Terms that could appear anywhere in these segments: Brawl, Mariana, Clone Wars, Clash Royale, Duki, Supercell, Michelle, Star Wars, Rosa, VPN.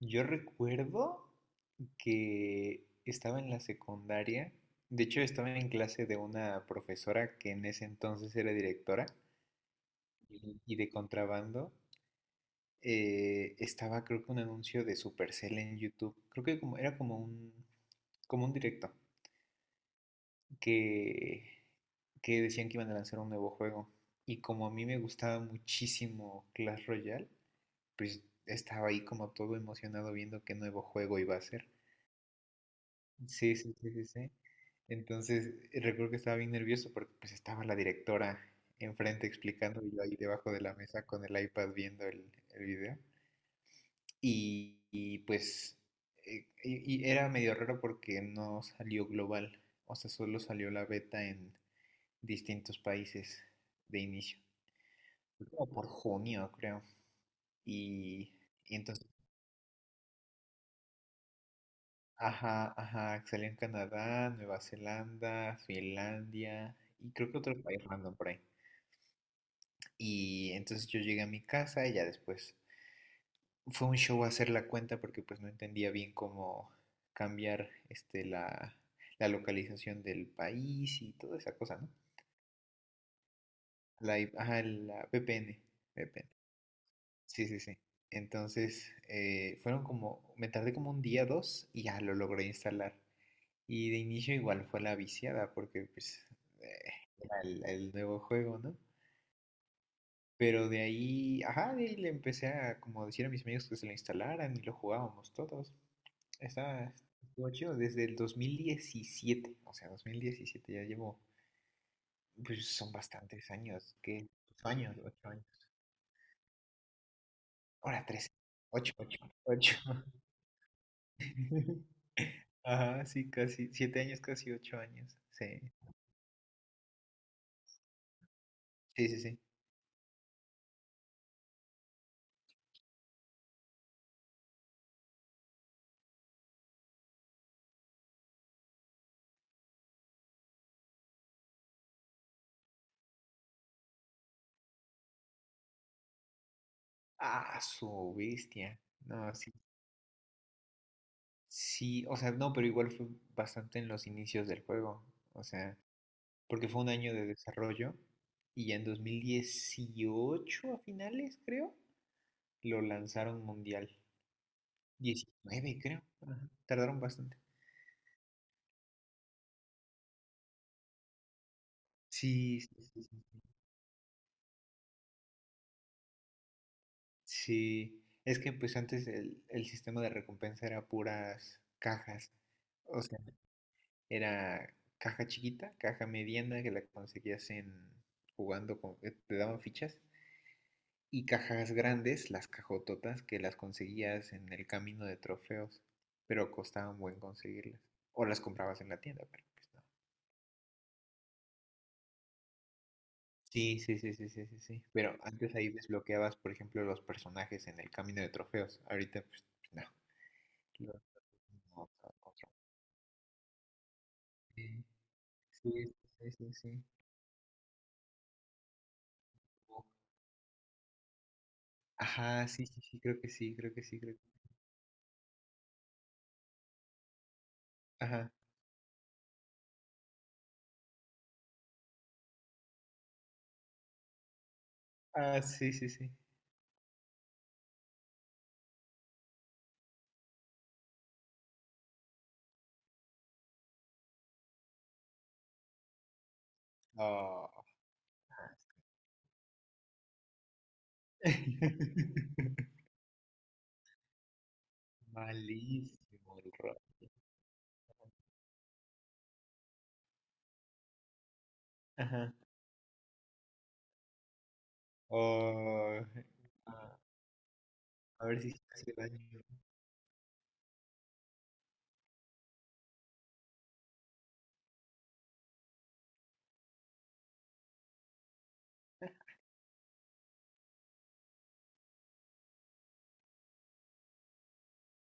Yo recuerdo que estaba en la secundaria, de hecho estaba en clase de una profesora que en ese entonces era directora y de contrabando. Estaba creo que un anuncio de Supercell en YouTube, creo que como, era como un directo, que, que decían que iban a lanzar un nuevo juego. Y como a mí me gustaba muchísimo Clash Royale, pues estaba ahí como todo emocionado viendo qué nuevo juego iba a ser. Sí, sí, sí, sí, sí. Entonces, recuerdo que estaba bien nervioso porque pues estaba la directora enfrente explicando y yo ahí debajo de la mesa con el iPad viendo el video. Pues era medio raro porque no salió global, o sea, solo salió la beta en distintos países de inicio. Fue como por junio, creo. Y, y entonces, ajá, ajá, salió en Canadá, Nueva Zelanda, Finlandia y creo que otro país random por ahí. Y entonces yo llegué a mi casa y ya después fue un show hacer la cuenta porque pues no entendía bien cómo cambiar la localización del país y toda esa cosa, ¿no? Ajá, la VPN, VPN. Sí, sí, sí. Entonces, fueron como, me tardé como un día, dos, y ya lo logré instalar. Y de inicio igual fue la viciada, porque pues eh, era el nuevo juego, ¿no? Pero de ahí, ajá, de ahí le empecé a como decir a mis amigos que se lo instalaran y lo jugábamos todos. Estaba, estuvo chido desde el 2017, o sea, 2017 ya llevo, pues son bastantes años, ¿qué? 8 años, 8 años. Ahora tres, ocho, ocho, ocho. Ajá, sí, casi, 7 años, casi 8 años. Sí, sí, sí, sí. Ah, su bestia. No, sí, sí, o sea, no, pero igual fue bastante en los inicios del juego. O sea, porque fue un año de desarrollo y ya en 2018 a finales, creo, lo lanzaron mundial. 19, creo. Ajá, tardaron bastante. Sí, sí, sí, sí, sí. Sí, es que pues antes el sistema de recompensa era puras cajas. O sea, era caja chiquita, caja mediana que la conseguías en jugando con que te daban fichas y cajas grandes, las cajototas, que las conseguías en el camino de trofeos, pero costaban buen conseguirlas. O las comprabas en la tienda, pero pues no. Sí, sí, sí, sí, sí, sí, sí. Pero antes ahí desbloqueabas, por ejemplo, los personajes en el camino de trofeos. Ahorita, pues, no. Lo- no, otro. Sí, sí, sí, sí, sí. Ajá, sí, sí, sí, creo que sí, creo que sí, creo que ajá. Ah, sí, sí, sí. Oh. Malísimo el rol. Ajá. Oh, ah, a ver si se hace daño.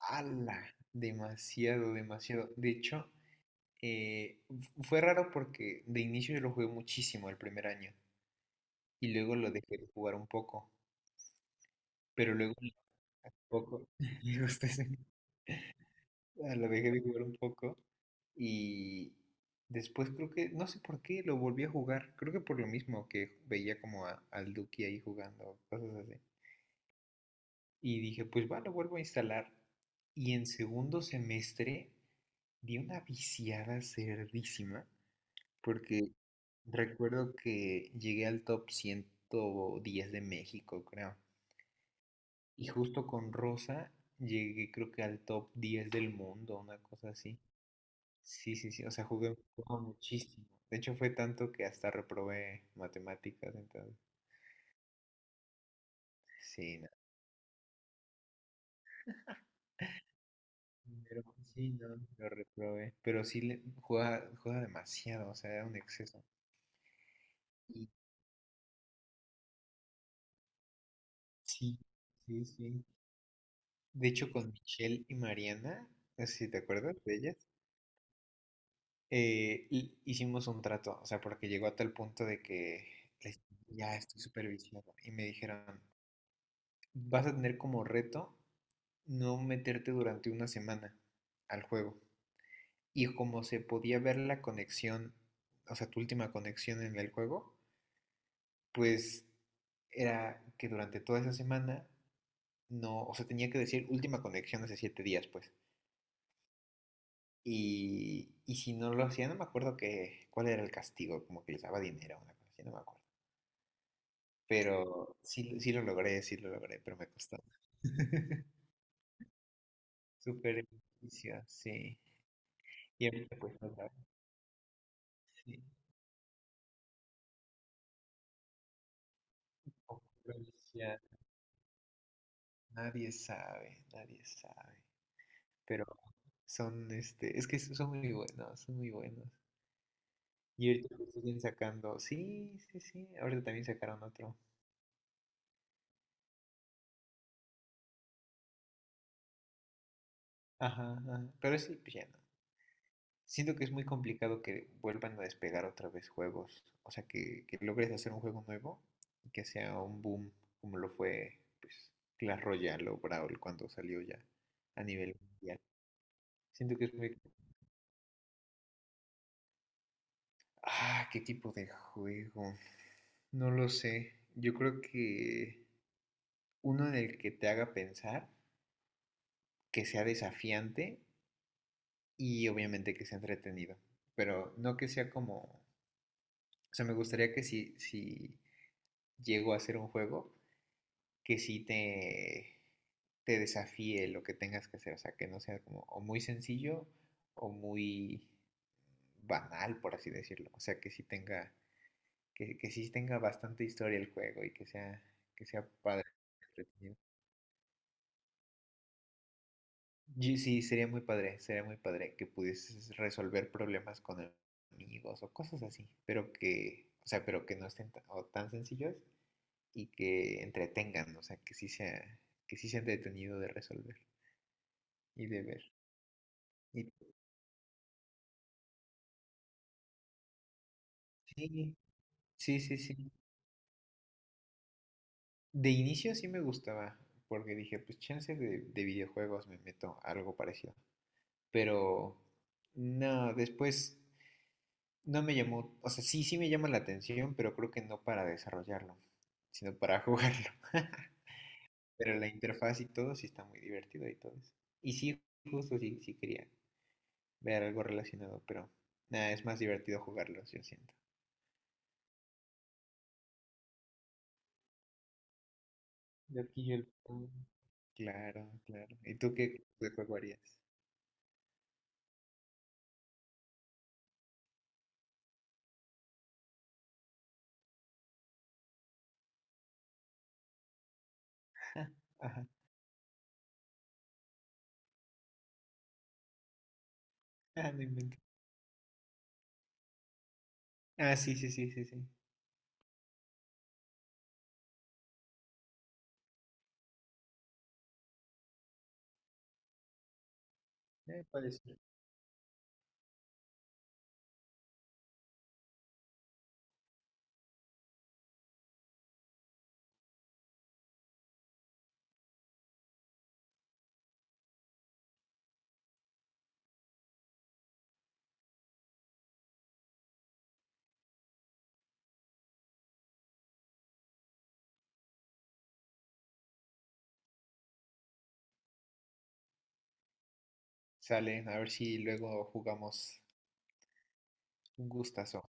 ¡Hala! Demasiado, demasiado. De hecho, fue raro porque de inicio yo lo jugué muchísimo el primer año y luego lo dejé de jugar un poco, pero luego un poco, ah, lo dejé de jugar un poco y después creo que, no sé por qué, lo volví a jugar. Creo que por lo mismo que veía como al Duki ahí jugando, cosas así. Y dije, pues va, lo vuelvo a instalar. Y en segundo semestre di una viciada cerdísima, porque recuerdo que llegué al top 110 de México, creo. Y justo con Rosa llegué creo que al top 10 del mundo, una cosa así. Sí, sí, sí, o sea, jugué un juego muchísimo. De hecho, fue tanto que hasta reprobé matemáticas, entonces. Sí, pero sí, no, lo reprobé. Pero sí le, juega, juega demasiado, o sea, era un exceso. Y sí, sí, sí. De hecho, con Michelle y Mariana, no sé si te acuerdas de ellas, hicimos un trato, o sea, porque llegó a tal punto de que les- ya estoy súper viciado. Y me dijeron, vas a tener como reto no meterte durante 1 semana al juego. Y como se podía ver la conexión, o sea, tu última conexión en el juego. Pues era que durante toda esa semana no, o sea, tenía que decir última conexión hace 7 días, pues. Y si no lo hacía, no me acuerdo que, cuál era el castigo, como que les daba dinero, o una cosa así, no me acuerdo. Pero sí, sí lo logré, pero me costó. Súper difícil, sí. Pues no sabes, sí. Oclusión, nadie sabe, nadie sabe. Pero son, este, es que son muy buenos, son muy buenos. Y ahorita justo siguen sacando. Sí, sí, sí. Ahorita también sacaron otro. Ajá, ajá. Pero sí, pues ya no. Siento que es muy complicado que vuelvan a despegar otra vez juegos. O sea, que logres hacer un juego nuevo y que sea un boom como lo fue, pues, Clash Royale o Brawl cuando salió ya a nivel mundial. Siento que es muy... Ah, ¿qué tipo de juego? No lo sé. Yo creo que uno en el que te haga pensar, que sea desafiante y obviamente que sea entretenido, pero no que sea como, o sea, me gustaría que si llego a hacer un juego, que te desafíe lo que tengas que hacer, o sea, que no sea como o muy sencillo o muy banal, por así decirlo, o sea, que sí tenga, que sí tenga bastante historia el juego y que sea padre. Entretenido. Sí, sería muy padre que pudieses resolver problemas con amigos o cosas así, pero que, o sea, pero que no estén o tan sencillos y que entretengan, o sea, que sí sea, que sí sea entretenido de resolver y de ver. Y sí, sí, sí, sí. De inicio sí me gustaba, porque dije, pues chance de videojuegos me meto a algo parecido, pero no, después. No me llamó, o sea, sí, sí me llama la atención, pero creo que no para desarrollarlo, sino para jugarlo. Pero la interfaz y todo sí está muy divertido y todo eso. Y sí, justo sí, sí quería ver algo relacionado, pero nada, es más divertido jugarlo, yo siento. De aquí el... pan. Claro, claro. ¿Y tú qué tipo de juego harías? Ajá, ah, no invento. Ah, sí, sí, sí, sí, sí. Puede ser. Sale, a ver si luego jugamos un gustazo.